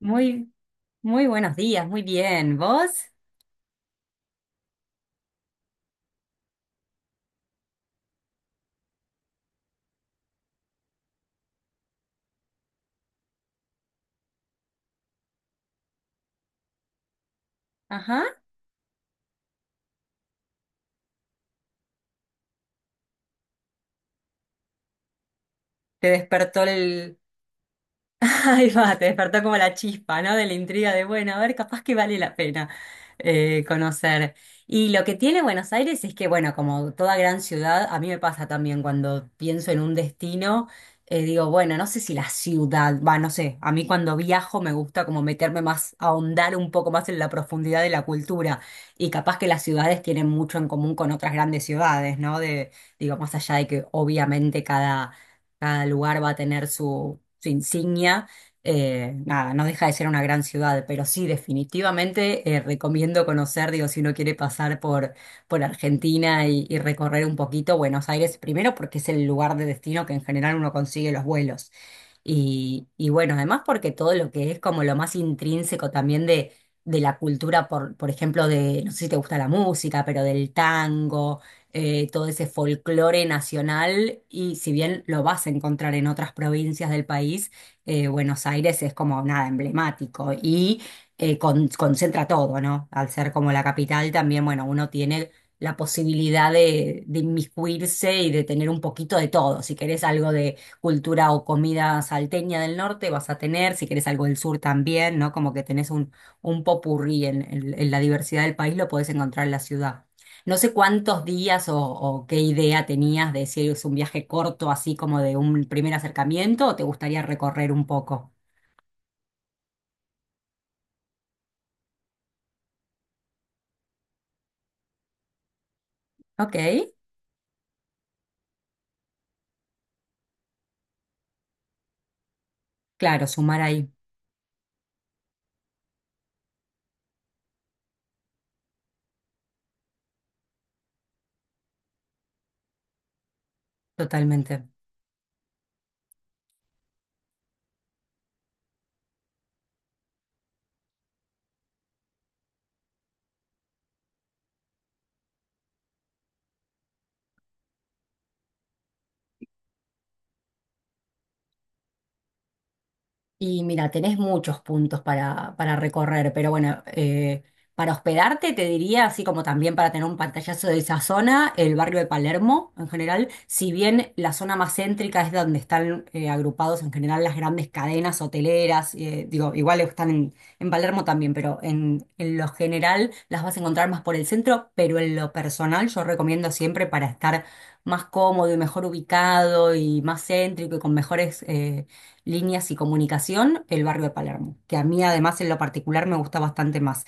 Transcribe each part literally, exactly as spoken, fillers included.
Muy, muy buenos días, muy bien. ¿Vos? Ajá. ¿Te despertó el, Ahí va, te despertó como la chispa, ¿no? De la intriga de, bueno, a ver, capaz que vale la pena eh, conocer. Y lo que tiene Buenos Aires es que, bueno, como toda gran ciudad, a mí me pasa también cuando pienso en un destino, eh, digo, bueno, no sé si la ciudad, va, no sé, a mí cuando viajo me gusta como meterme más, ahondar un poco más en la profundidad de la cultura. Y capaz que las ciudades tienen mucho en común con otras grandes ciudades, ¿no? De, digo, más allá de que obviamente cada, cada lugar va a tener su su insignia, eh, nada, no deja de ser una gran ciudad, pero sí, definitivamente eh, recomiendo conocer, digo, si uno quiere pasar por, por Argentina y, y recorrer un poquito Buenos Aires, primero porque es el lugar de destino que en general uno consigue los vuelos. Y, y bueno, además porque todo lo que es como lo más intrínseco también de, de la cultura, por, por ejemplo, de, no sé si te gusta la música, pero del tango, eh, todo ese folclore nacional, y si bien lo vas a encontrar en otras provincias del país, eh, Buenos Aires es como nada emblemático y eh, con- concentra todo, ¿no? Al ser como la capital también, bueno, uno tiene la posibilidad de, de inmiscuirse y de tener un poquito de todo. Si querés algo de cultura o comida salteña del norte, vas a tener, si querés algo del sur también, ¿no? Como que tenés un, un popurrí en, en en la diversidad del país, lo podés encontrar en la ciudad. No sé cuántos días o, o qué idea tenías de si es un viaje corto, así como de un primer acercamiento, o te gustaría recorrer un poco. Ok, claro, sumar ahí, totalmente. Y mira, tenés muchos puntos para, para recorrer, pero bueno, eh, para hospedarte te diría, así como también para tener un pantallazo de esa zona, el barrio de Palermo en general, si bien la zona más céntrica es donde están eh, agrupados en general las grandes cadenas hoteleras, eh, digo, igual están en, en Palermo también, pero en, en lo general las vas a encontrar más por el centro, pero en lo personal yo recomiendo siempre para estar más cómodo y mejor ubicado y más céntrico y con mejores eh, líneas y comunicación, el barrio de Palermo, que a mí además en lo particular me gusta bastante más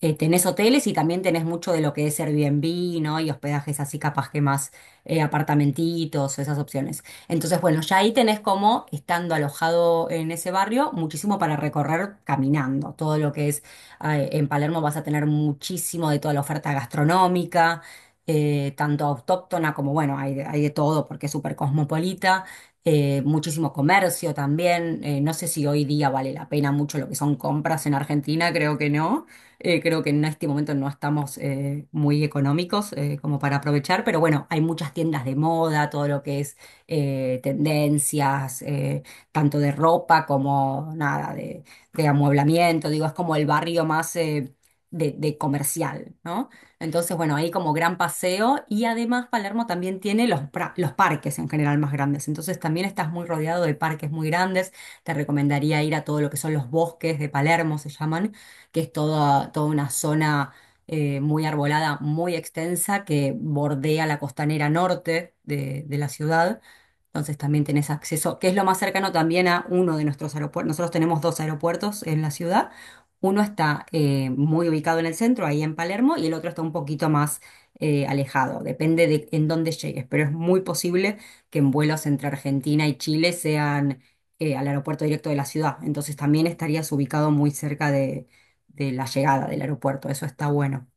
eh, tenés hoteles y también tenés mucho de lo que es Airbnb, ¿no? Y hospedajes así capaz que más eh, apartamentitos, esas opciones. Entonces, bueno, ya ahí tenés como, estando alojado en ese barrio, muchísimo para recorrer caminando. Todo lo que es, eh, en Palermo vas a tener muchísimo de toda la oferta gastronómica. Eh, tanto autóctona como, bueno, hay de, hay de todo porque es súper cosmopolita, eh, muchísimo comercio también, eh, no sé si hoy día vale la pena mucho lo que son compras en Argentina, creo que no, eh, creo que en este momento no estamos eh, muy económicos eh, como para aprovechar, pero bueno, hay muchas tiendas de moda, todo lo que es eh, tendencias, eh, tanto de ropa como nada, de, de amueblamiento, digo, es como el barrio más eh, de, de comercial, ¿no? Entonces, bueno, ahí como gran paseo y además Palermo también tiene los, pra- los parques en general más grandes, entonces también estás muy rodeado de parques muy grandes, te recomendaría ir a todo lo que son los bosques de Palermo, se llaman que es toda, toda una zona eh, muy arbolada, muy extensa, que bordea la costanera norte de, de la ciudad. Entonces también tenés acceso, que es lo más cercano también a uno de nuestros aeropuertos. Nosotros tenemos dos aeropuertos en la ciudad. Uno está eh, muy ubicado en el centro, ahí en Palermo, y el otro está un poquito más eh, alejado. Depende de en dónde llegues, pero es muy posible que en vuelos entre Argentina y Chile sean eh, al aeropuerto directo de la ciudad. Entonces también estarías ubicado muy cerca de la llegada del aeropuerto, eso está bueno.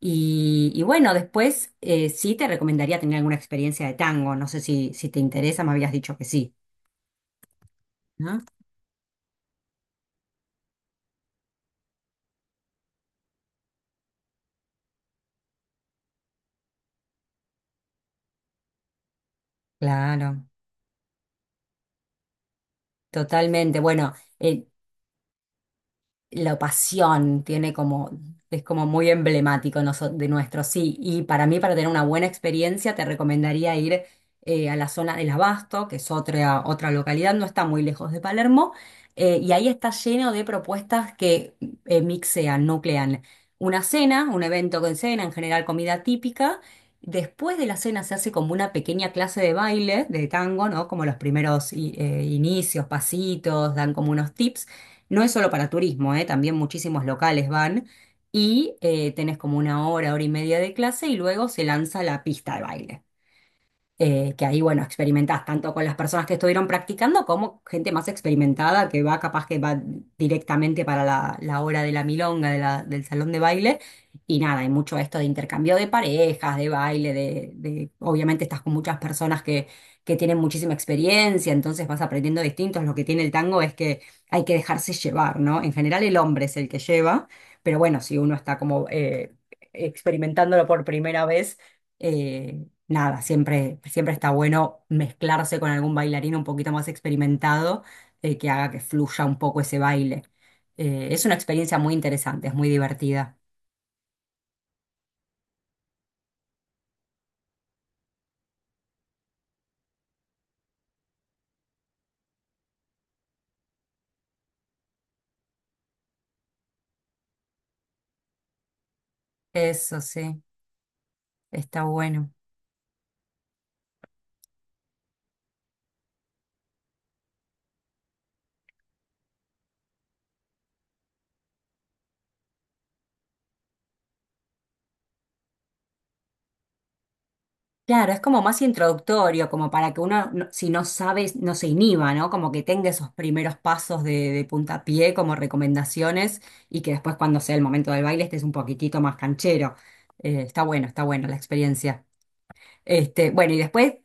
Y, y bueno, después eh, sí te recomendaría tener alguna experiencia de tango, no sé si, si te interesa, me habías dicho que sí, ¿no? Claro, totalmente. Bueno, eh, la pasión tiene como, es como muy emblemático noso- de nuestro, sí. Y para mí, para tener una buena experiencia, te recomendaría ir eh, a la zona del Abasto, que es otra, otra localidad, no está muy lejos de Palermo, eh, y ahí está lleno de propuestas que eh, mixean, nuclean una cena, un evento con cena, en general comida típica. Después de la cena se hace como una pequeña clase de baile, de tango, ¿no? Como los primeros i- eh, inicios, pasitos, dan como unos tips. No es solo para turismo, ¿eh? También muchísimos locales van y eh, tenés como una hora, hora y media de clase y luego se lanza la pista de baile eh, que ahí, bueno, experimentás tanto con las personas que estuvieron practicando como gente más experimentada que va capaz que va directamente para la, la hora de la milonga, de la- del salón de baile. Y nada, hay mucho esto de intercambio de parejas, de baile, de, de- obviamente estás con muchas personas que, que tienen muchísima experiencia, entonces vas aprendiendo distintos. Lo que tiene el tango es que hay que dejarse llevar, ¿no? En general el hombre es el que lleva, pero bueno, si uno está como eh, experimentándolo por primera vez, eh, nada, siempre, siempre está bueno mezclarse con algún bailarín un poquito más experimentado eh, que haga que fluya un poco ese baile. Eh, es una experiencia muy interesante, es muy divertida. Eso sí, está bueno. Claro, es como más introductorio, como para que uno, no- si no sabe, no se inhiba, ¿no? Como que tenga esos primeros pasos de, de puntapié como recomendaciones y que después cuando sea el momento del baile estés un poquitito más canchero. Eh, está bueno, está bueno la experiencia. Este, bueno, y después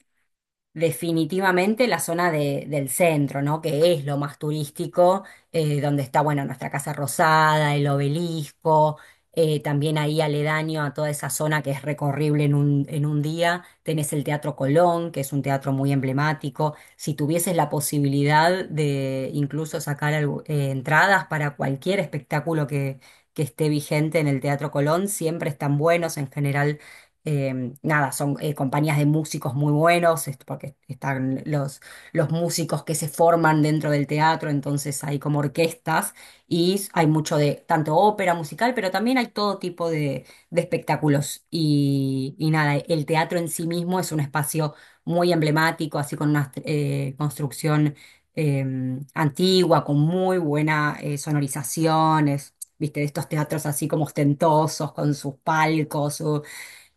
definitivamente la zona de- del centro, ¿no? Que es lo más turístico, eh, donde está, bueno, nuestra Casa Rosada, el obelisco, eh, también ahí aledaño a toda esa zona que es recorrible en un, en un día. Tenés el Teatro Colón, que es un teatro muy emblemático. Si tuvieses la posibilidad de incluso sacar algu- eh, entradas para cualquier espectáculo que, que esté vigente en el Teatro Colón, siempre están buenos en general eh, nada, son eh, compañías de músicos muy buenos, est- porque están los, los músicos que se forman dentro del teatro, entonces hay como orquestas y hay mucho de tanto ópera musical, pero también hay todo tipo de, de espectáculos. Y, y nada, el teatro en sí mismo es un espacio muy emblemático, así con una eh, construcción eh, antigua, con muy buena eh, sonorización, es, viste, de estos teatros así como ostentosos, con sus palcos.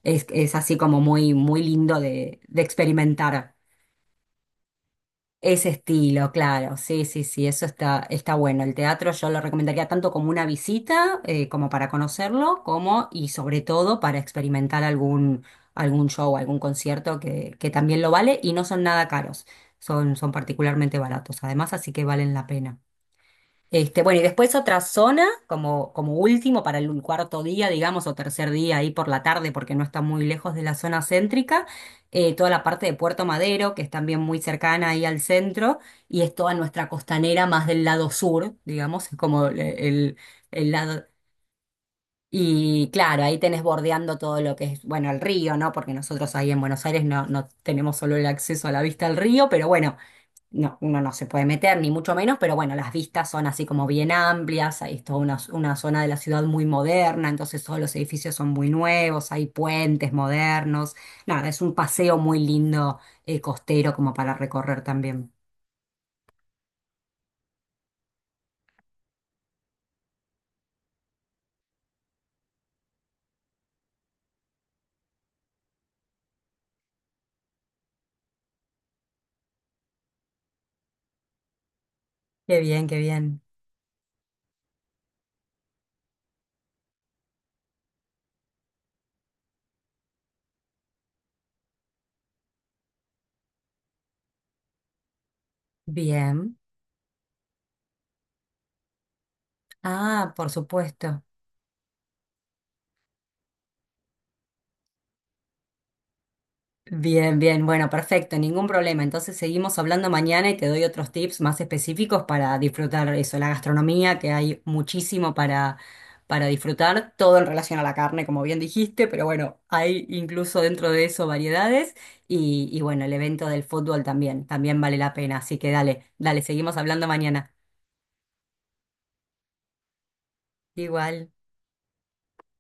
Es, es así como muy, muy lindo de, de experimentar ese estilo, claro. Sí, sí, sí, eso está, está bueno. El teatro yo lo recomendaría tanto como una visita, eh, como para conocerlo, como y sobre todo para experimentar algún, algún show, algún concierto que, que también lo vale y no son nada caros. Son, son particularmente baratos, además, así que valen la pena. Este, bueno, y después otra zona, como, como último para el cuarto día, digamos, o tercer día ahí por la tarde, porque no está muy lejos de la zona céntrica, eh, toda la parte de Puerto Madero, que es también muy cercana ahí al centro, y es toda nuestra costanera más del lado sur, digamos, es como el, el- el lado. Y claro, ahí tenés bordeando todo lo que es, bueno, el río, ¿no? Porque nosotros ahí en Buenos Aires no, no tenemos solo el acceso a la vista al río, pero bueno. No, uno no se puede meter, ni mucho menos, pero bueno, las vistas son así como bien amplias, hay toda una, una zona de la ciudad muy moderna, entonces todos los edificios son muy nuevos, hay puentes modernos, nada, es un paseo muy lindo eh, costero como para recorrer también. Qué bien, qué bien. Bien. Ah, por supuesto. Bien, bien, bueno, perfecto, ningún problema. Entonces seguimos hablando mañana y te doy otros tips más específicos para disfrutar eso, la gastronomía, que hay muchísimo para, para disfrutar, todo en relación a la carne, como bien dijiste, pero bueno, hay incluso dentro de eso variedades y, y bueno, el evento del fútbol también, también vale la pena. Así que dale, dale, seguimos hablando mañana. Igual.